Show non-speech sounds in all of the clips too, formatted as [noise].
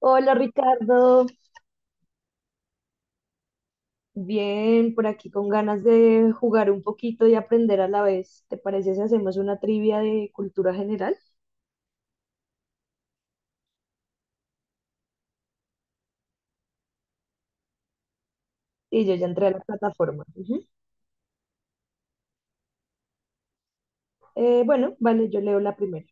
Hola Ricardo, bien, por aquí con ganas de jugar un poquito y aprender a la vez. ¿Te parece si hacemos una trivia de cultura general? Y yo ya entré a la plataforma. Ujú. Bueno, vale, yo leo la primera.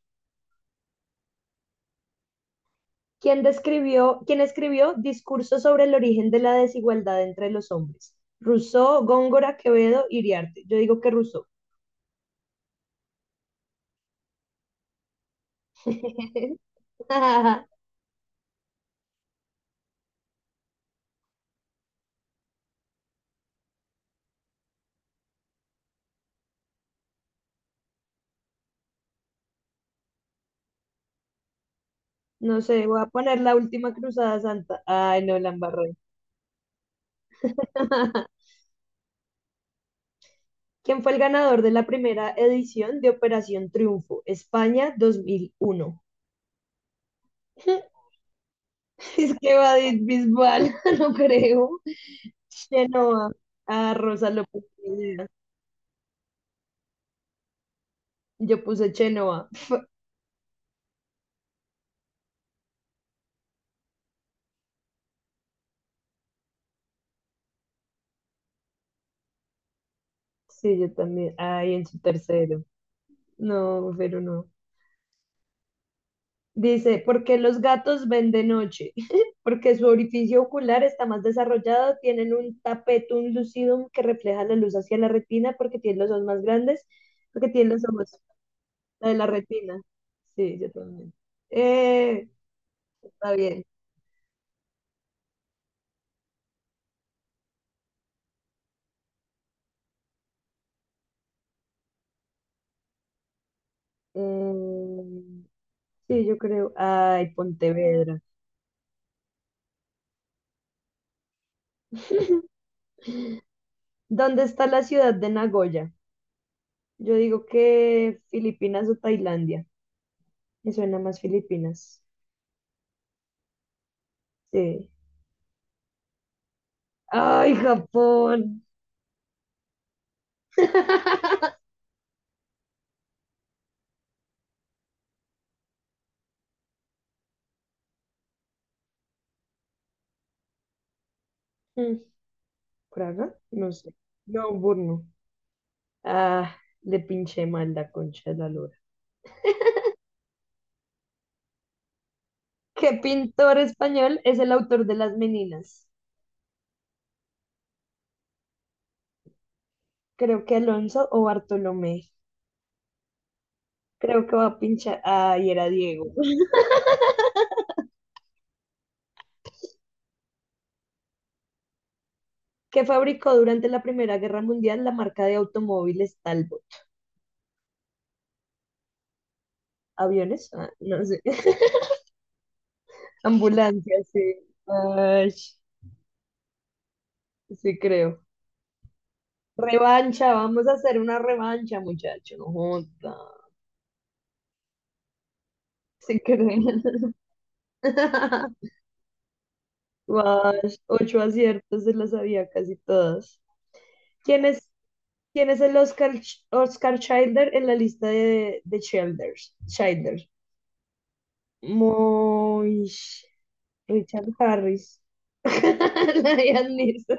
¿Quién escribió Discurso sobre el origen de la desigualdad entre los hombres? Rousseau, Góngora, Quevedo, Iriarte. Yo digo que Rousseau. [laughs] No sé, voy a poner la última cruzada santa. Ay, no, la embarré. [laughs] ¿Quién fue el ganador de la primera edición de Operación Triunfo, España 2001? [laughs] Es que va de Bisbal, [laughs] no creo. Chenoa. Ah, Rosa López. Pineda. Yo puse Chenoa. Sí, yo también. Ay, en su tercero. No, pero no. Dice, ¿por qué los gatos ven de noche? [laughs] Porque su orificio ocular está más desarrollado, tienen un tapetum lucidum que refleja la luz hacia la retina porque tienen los ojos más grandes, porque tienen los ojos. La de la retina. Sí, yo también. Eh, está bien. Eh, sí, yo creo. Ay, Pontevedra. ¿Dónde está la ciudad de Nagoya? Yo digo que Filipinas o Tailandia. Me suena más Filipinas. Sí. Ay, Japón. [laughs] Mm, ¿Praga? No sé. No, Burno. Ah, le pinché mal la concha de la lora. ¿Qué pintor español es el autor de Las Meninas? Creo que Alonso o Bartolomé. Creo que va a pinchar. Ah, y era Diego. [laughs] Que fabricó durante la Primera Guerra Mundial la marca de automóviles Talbot. ¿Aviones? Ah, no sé. [laughs] Ambulancias, sí. Ay, sí, creo. Revancha, vamos a hacer una revancha, muchacho. No joda. Sí, creo. [laughs] Guash, ocho aciertos, se las sabía casi todas. ¿Quién es, quién es el Oscar Childer en la lista de Childers? Childer. Moish. Richard Harris. [laughs] Liam Neeson.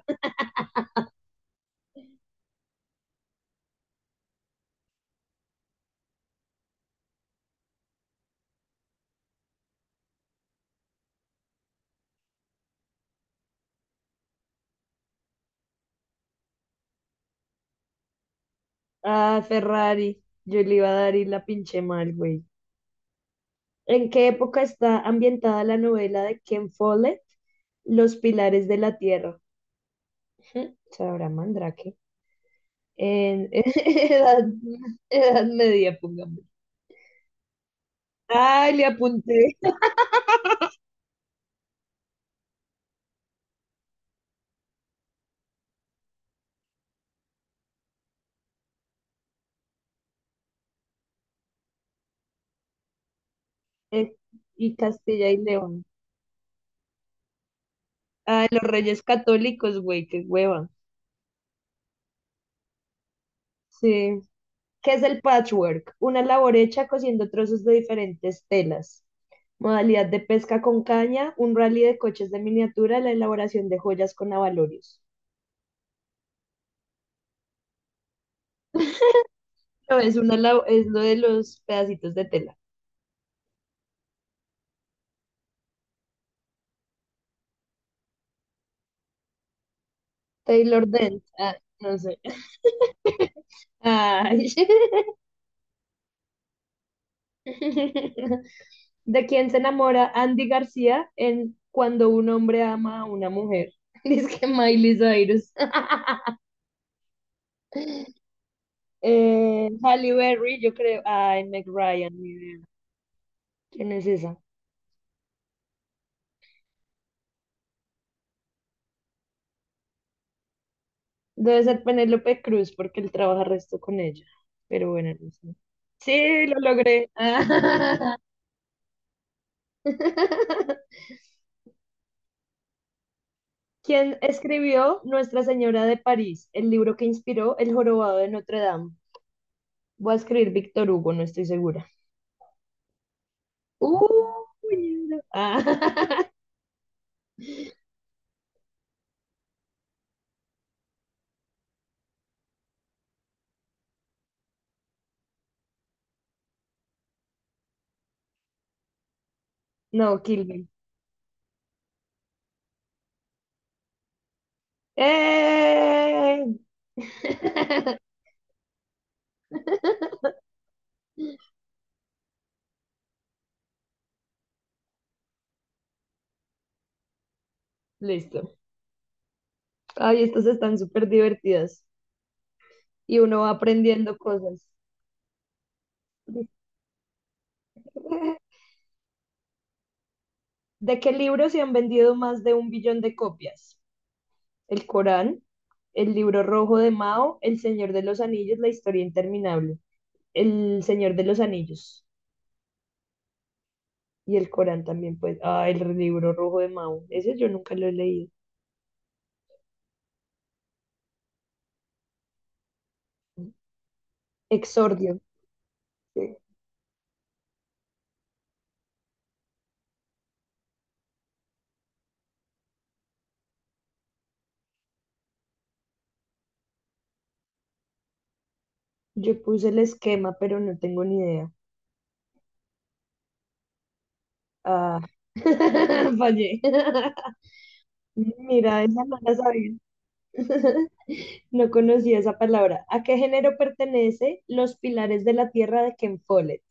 Ah, Ferrari. Yo le iba a dar y la pinché mal, güey. ¿En qué época está ambientada la novela de Ken Follett, Los Pilares de la Tierra? Ujú, Sabrá Mandrake. En [laughs] edad media, pongamos. Ay, le apunté. Es- y Castilla y León. Ah, los Reyes Católicos, güey, qué hueva. Sí. ¿Qué es el patchwork? Una labor hecha cosiendo trozos de diferentes telas. Modalidad de pesca con caña, un rally de coches de miniatura, la elaboración de joyas con abalorios. No, es una, lab- es lo de los pedacitos de tela. Taylor Dent, ah, no sé. Ay. [laughs] ¿De quién se enamora Andy García en Cuando un hombre ama a una mujer? [laughs] Dice que Miley Cyrus. [laughs] Halle Berry, yo creo. Ay, Meg Ryan, ni idea. ¿Quién es esa? Debe ser Penélope Cruz porque él trabaja resto con ella. Pero bueno, no sé. Sí, lo logré. [laughs] ¿Quién escribió Nuestra Señora de París, el libro que inspiró El jorobado de Notre Dame? Voy a escribir Víctor Hugo, no estoy segura. Libro. Ah, [laughs] no, Kilby. ¡Eh! [laughs] Listo. Ay, estas están súper divertidas y uno va aprendiendo cosas. [laughs] ¿De qué libro se han vendido más de un billón de copias? El Corán, el libro rojo de Mao, El Señor de los Anillos, La Historia Interminable, El Señor de los Anillos y el Corán también, pues. Ah, el libro rojo de Mao. Ese yo nunca lo he leído. Exordio. Sí. Yo puse el esquema, pero no tengo ni idea. Ah, [laughs] fallé. [laughs] Mira, esa no la sabía. [laughs] No conocía esa palabra. ¿A qué género pertenece Los Pilares de la Tierra de Ken Follett?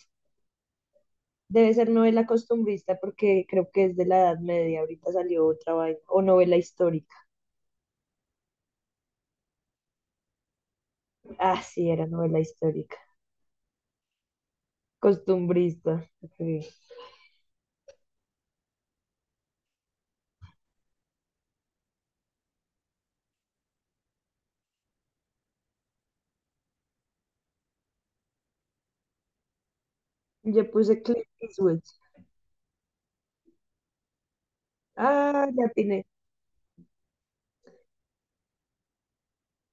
Debe ser novela costumbrista porque creo que es de la Edad Media. Ahorita salió otra vaina. O novela histórica. Ah, sí, era novela histórica. Costumbrista. Ok. Yo puse Clint Eastwood. Ah, ya tiene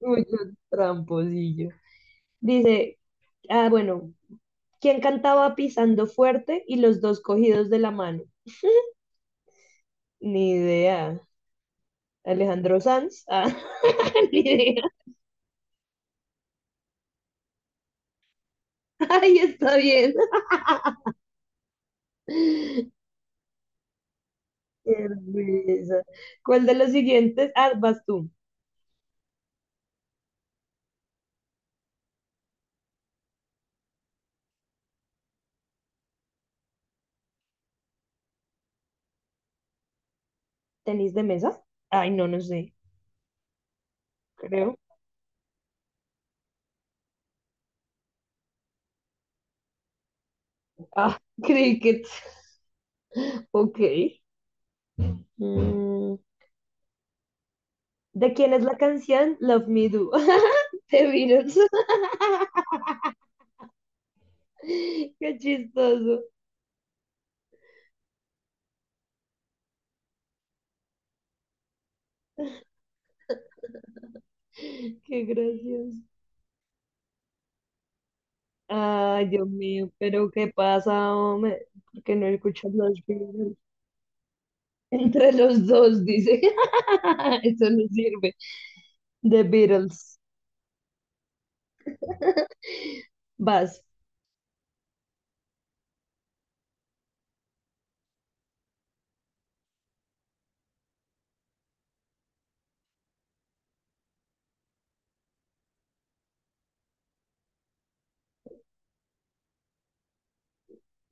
mucho tramposillo. Dice, ah, bueno, ¿quién cantaba Pisando Fuerte y los dos cogidos de la mano? Ni idea. Alejandro Sanz. Ah, [laughs] ni idea. Ay, está bien. Qué risa. ¿Cuál de los siguientes? Ah, vas tú. ¿Tenis de mesa? Ay, no, no sé, creo. Ah, cricket. Ok. Mm, ¿de quién es la canción Love Me Do? [laughs] Te Virus. [laughs] Qué chistoso. Qué gracioso. Ay, Dios mío, pero ¿qué pasa, hombre? ¿Por qué no escuchas los Beatles? Entre los dos, dice. [laughs] Eso no sirve. The Beatles. [laughs] Vas,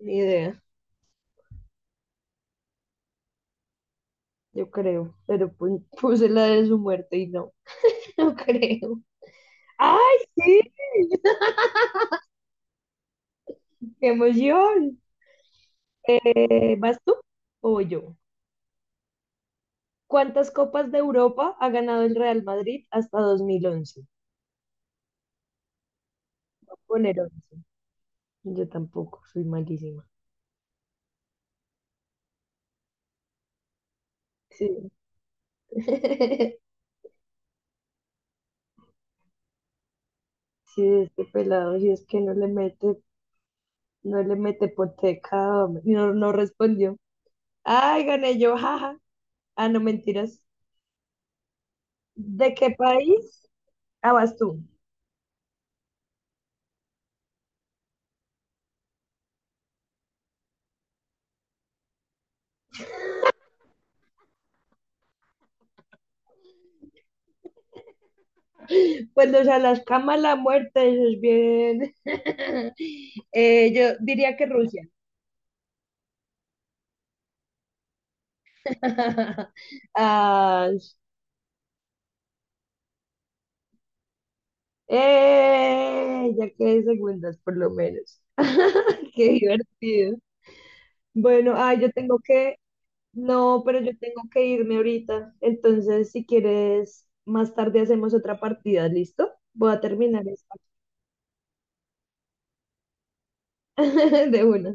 ni idea, yo creo. Pero puse la de su muerte y no, [laughs] no creo. ¡Ay, sí! [laughs] ¡Qué emoción! ¿Vas tú o voy yo? ¿Cuántas copas de Europa ha ganado el Real Madrid hasta 2011? Voy a poner 11. Yo tampoco, soy malísima. Sí. [laughs] Sí, este pelado, si es que no le mete. No le mete por pecado. Y no, no respondió. Ay, gané yo, jaja. Ah, no, mentiras. ¿De qué país? Ah, vas tú. Pues los Alaskamas, la muerte, eso es bien. [laughs] Yo diría que Rusia. [laughs] Ah, ya quedé segundas, por lo menos. [laughs] Qué divertido. Bueno, ah, yo tengo que. No, pero yo tengo que irme ahorita. Entonces, si quieres, más tarde hacemos otra partida, ¿listo? Voy a terminar esta. [laughs] De una.